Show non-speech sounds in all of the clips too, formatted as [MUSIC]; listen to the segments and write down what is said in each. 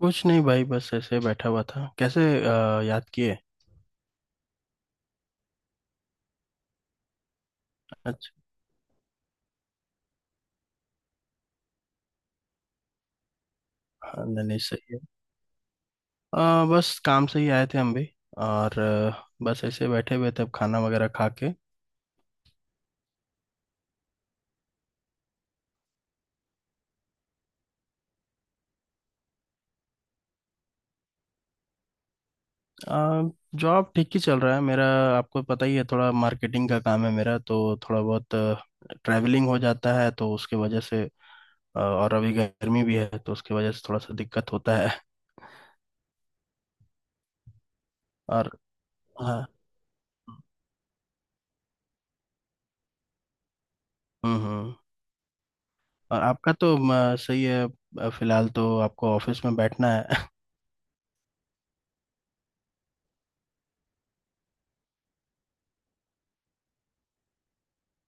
कुछ नहीं भाई, बस ऐसे बैठा हुआ था। कैसे याद किए? अच्छा। हाँ, नहीं नहीं, सही है। बस काम से ही आए थे हम भी। और बस ऐसे बैठे हुए थे, अब खाना वगैरह खा के। अ, जॉब ठीक ही चल रहा है मेरा। आपको पता ही है, थोड़ा मार्केटिंग का काम है मेरा, तो थोड़ा बहुत ट्रैवलिंग हो जाता है तो उसके वजह से। और अभी गर्मी भी है तो उसके वजह से थोड़ा सा दिक्कत होता है। और हाँ। हम्म। हम्म। और आपका तो सही है। फिलहाल तो आपको ऑफिस में बैठना है।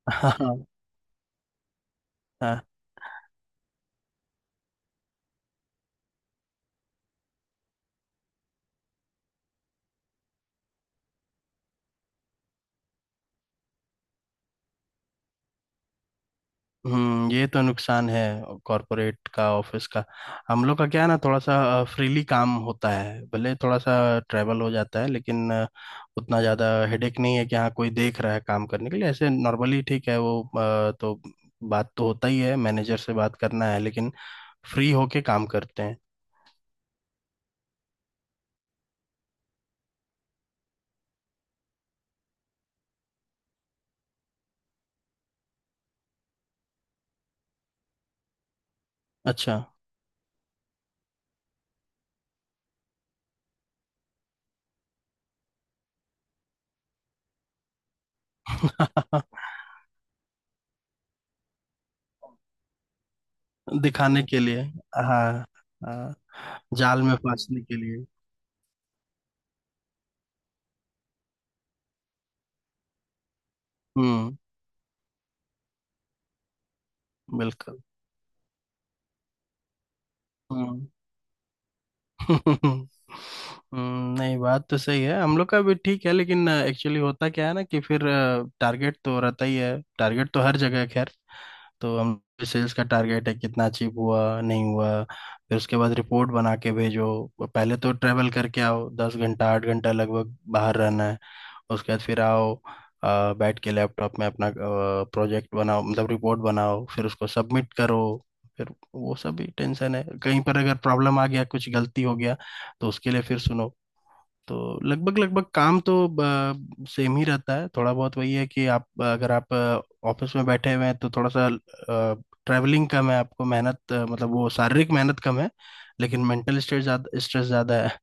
[LAUGHS] हाँ। हाँ। ये तो नुकसान है कॉरपोरेट का, ऑफिस का। हम लोग का क्या है ना, थोड़ा सा फ्रीली काम होता है। भले थोड़ा सा ट्रैवल हो जाता है लेकिन उतना ज़्यादा हेडेक नहीं है कि हाँ कोई देख रहा है काम करने के लिए। ऐसे नॉर्मली ठीक है वो। बात तो होता ही है, मैनेजर से बात करना है, लेकिन फ्री होके काम करते हैं। अच्छा। [LAUGHS] दिखाने के लिए। हाँ। हाँ। जाल में फांसने के लिए। हम्म। बिल्कुल। [LAUGHS] हम्म, नहीं, बात तो सही है। हम लोग का भी ठीक है, लेकिन एक्चुअली होता क्या है ना, कि फिर टारगेट तो रहता ही है। टारगेट तो हर जगह है, खैर। तो हम सेल्स का टारगेट है, कितना अचीव हुआ नहीं हुआ। फिर उसके बाद रिपोर्ट बना के भेजो। पहले तो ट्रेवल करके आओ, 10 घंटा 8 घंटा लगभग बाहर रहना है। उसके बाद फिर आओ, बैठ के लैपटॉप में अपना प्रोजेक्ट बनाओ, मतलब रिपोर्ट बनाओ, फिर उसको सबमिट करो। फिर वो सब भी टेंशन है, कहीं पर अगर प्रॉब्लम आ गया, कुछ गलती हो गया तो उसके लिए फिर सुनो। तो लगभग लगभग काम तो सेम ही रहता है। थोड़ा बहुत वही है कि आप, अगर आप ऑफिस में बैठे हुए हैं तो थोड़ा सा ट्रैवलिंग कम है, आपको मेहनत मतलब वो शारीरिक मेहनत कम है, लेकिन मेंटल स्ट्रेस ज्यादा, स्ट्रेस ज्यादा है।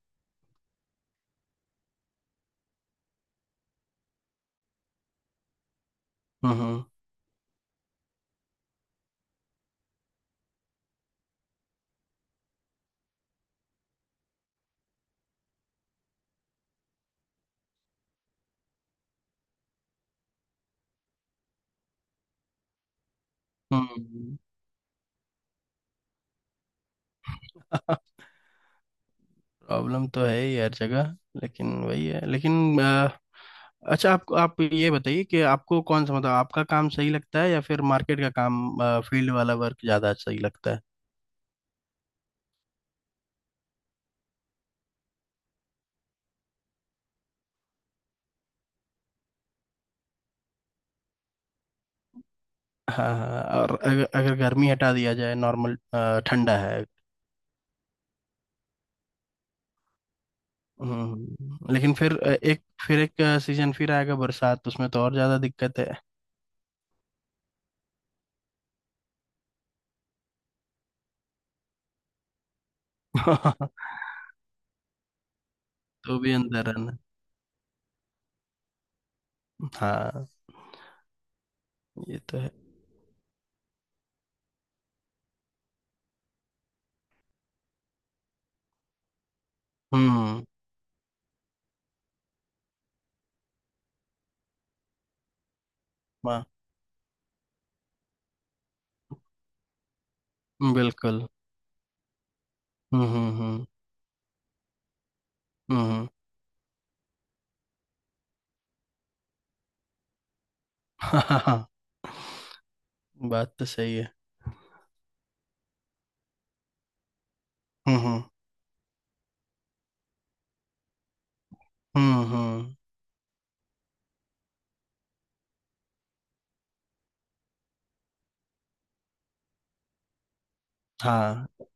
हम्म। हम्म। हम्म। प्रॉब्लम तो है ही हर जगह, लेकिन वही है। लेकिन अच्छा, आपको आप ये बताइए कि आपको कौन सा, मतलब आपका काम सही लगता है या फिर मार्केट का काम, फील्ड वाला वर्क ज़्यादा सही लगता है। हाँ हाँ। और अगर अगर गर्मी हटा दिया जाए, नॉर्मल ठंडा है। लेकिन फिर एक सीजन फिर आएगा, बरसात, तो उसमें तो और ज़्यादा दिक्कत है। [LAUGHS] तो भी अंदर रहना। हाँ। ये तो है। हम्म। वाह। बिल्कुल। हम्म। हम्म। हम्म। [LAUGHS] हाँ हाँ हाँ। [LAUGHS] बात तो सही है। हम्म। हम्म। हम्म। हाँ।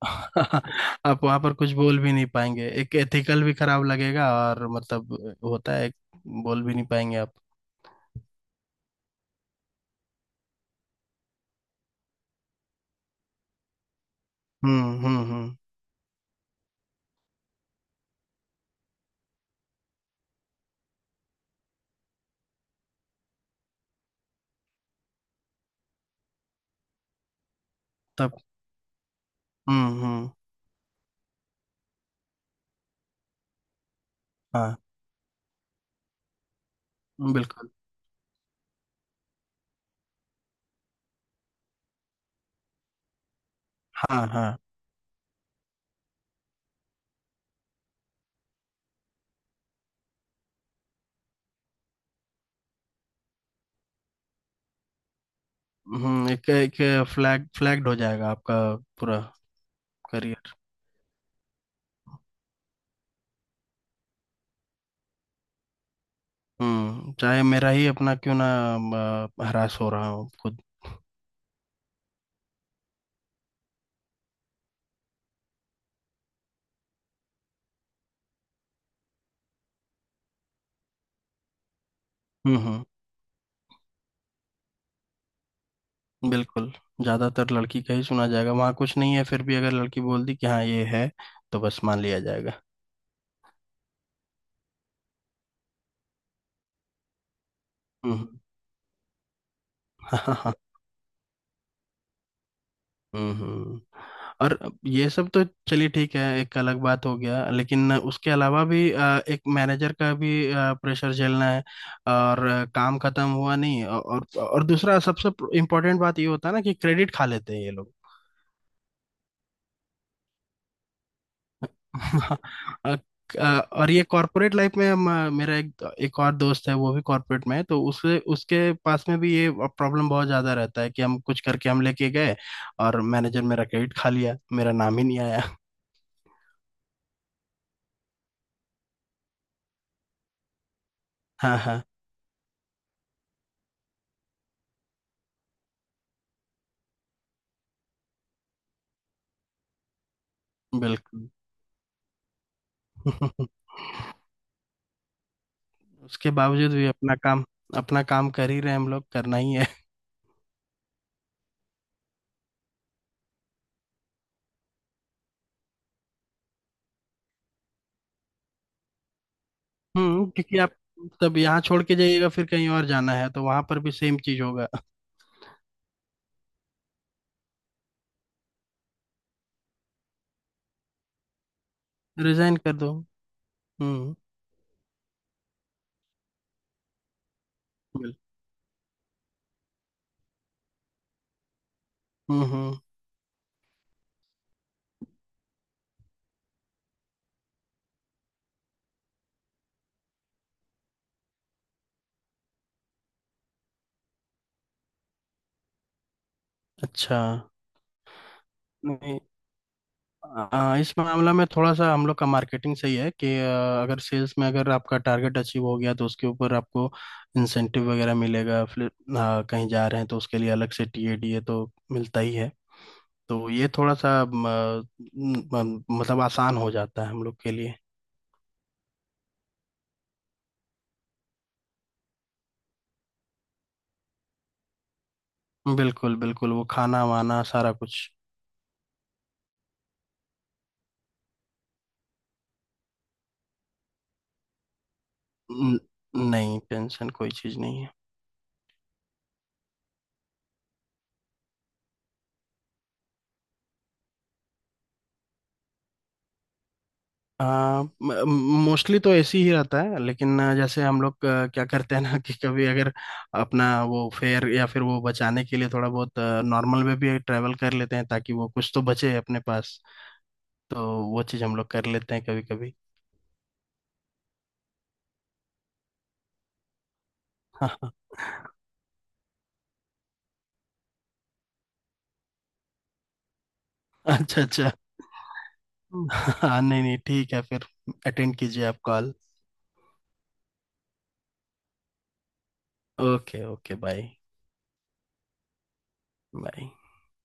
[LAUGHS] आप वहां पर कुछ बोल भी नहीं पाएंगे, एक एथिकल भी खराब लगेगा और मतलब होता है, बोल भी नहीं पाएंगे आप। हम्म। हम्म। हम्म। तब। हम्म। हम्म। हाँ। बिल्कुल। हाँ हाँ। हम्म। एक एक फ्लैग्ड हो जाएगा आपका पूरा करियर। हम्म, चाहे मेरा ही अपना क्यों ना, हरास हो रहा हूँ खुद। हम्म। हम्म। बिल्कुल। ज्यादातर लड़की का ही सुना जाएगा, वहां कुछ नहीं है। फिर भी अगर लड़की बोल दी कि हाँ ये है, तो बस मान लिया जाएगा। हम्म। [LAUGHS] हाँ। हम्म। और ये सब तो चलिए ठीक है, एक अलग बात हो गया। लेकिन उसके अलावा भी एक मैनेजर का भी प्रेशर झेलना है। और काम खत्म हुआ नहीं। और दूसरा सबसे इम्पोर्टेंट बात ये होता है ना कि क्रेडिट खा लेते हैं ये लोग। [LAUGHS] हाँ। अ- और ये कॉर्पोरेट लाइफ में मेरा एक एक और दोस्त है, वो भी कॉर्पोरेट में है, तो उसके उसके पास में भी ये प्रॉब्लम बहुत ज़्यादा रहता है कि हम कुछ करके हम लेके गए, और मैनेजर मेरा क्रेडिट खा लिया, मेरा नाम ही नहीं आया। [LAUGHS] हाँ हाँ। बिल्कुल। [LAUGHS] उसके बावजूद भी अपना काम, अपना काम कर ही रहे हैं, हम लोग, करना ही है। [LAUGHS] क्योंकि आप तब यहाँ छोड़ के जाइएगा, फिर कहीं और जाना है तो वहां पर भी सेम चीज होगा। [LAUGHS] रिजाइन कर दो। हम्म। बिल- हम्म। हम्म। अच्छा। नहीं, इस मामला में थोड़ा सा हम लोग का मार्केटिंग सही है कि अगर सेल्स में, अगर आपका टारगेट अचीव हो गया तो उसके ऊपर आपको इंसेंटिव वगैरह मिलेगा। फिर कहीं जा रहे हैं तो उसके लिए अलग से टीएडीए तो मिलता ही है। तो ये थोड़ा सा म, म, मतलब आसान हो जाता है हम लोग के लिए। बिल्कुल बिल्कुल, वो खाना वाना सारा कुछ। न- नहीं, टेंशन कोई चीज़ नहीं है। मोस्टली तो ऐसे ही रहता है, लेकिन जैसे हम लोग क्या करते हैं ना कि कभी अगर अपना वो फेयर या फिर वो बचाने के लिए थोड़ा बहुत नॉर्मल में भी ट्रैवल कर लेते हैं, ताकि वो कुछ तो बचे अपने पास। तो वो चीज़ हम लोग कर लेते हैं कभी कभी। [LAUGHS] अच्छा। अच्छा। हम्म। [LAUGHS] हाँ, नहीं नहीं, ठीक है फिर, अटेंड कीजिए आप call. Okay, okay, bye bye.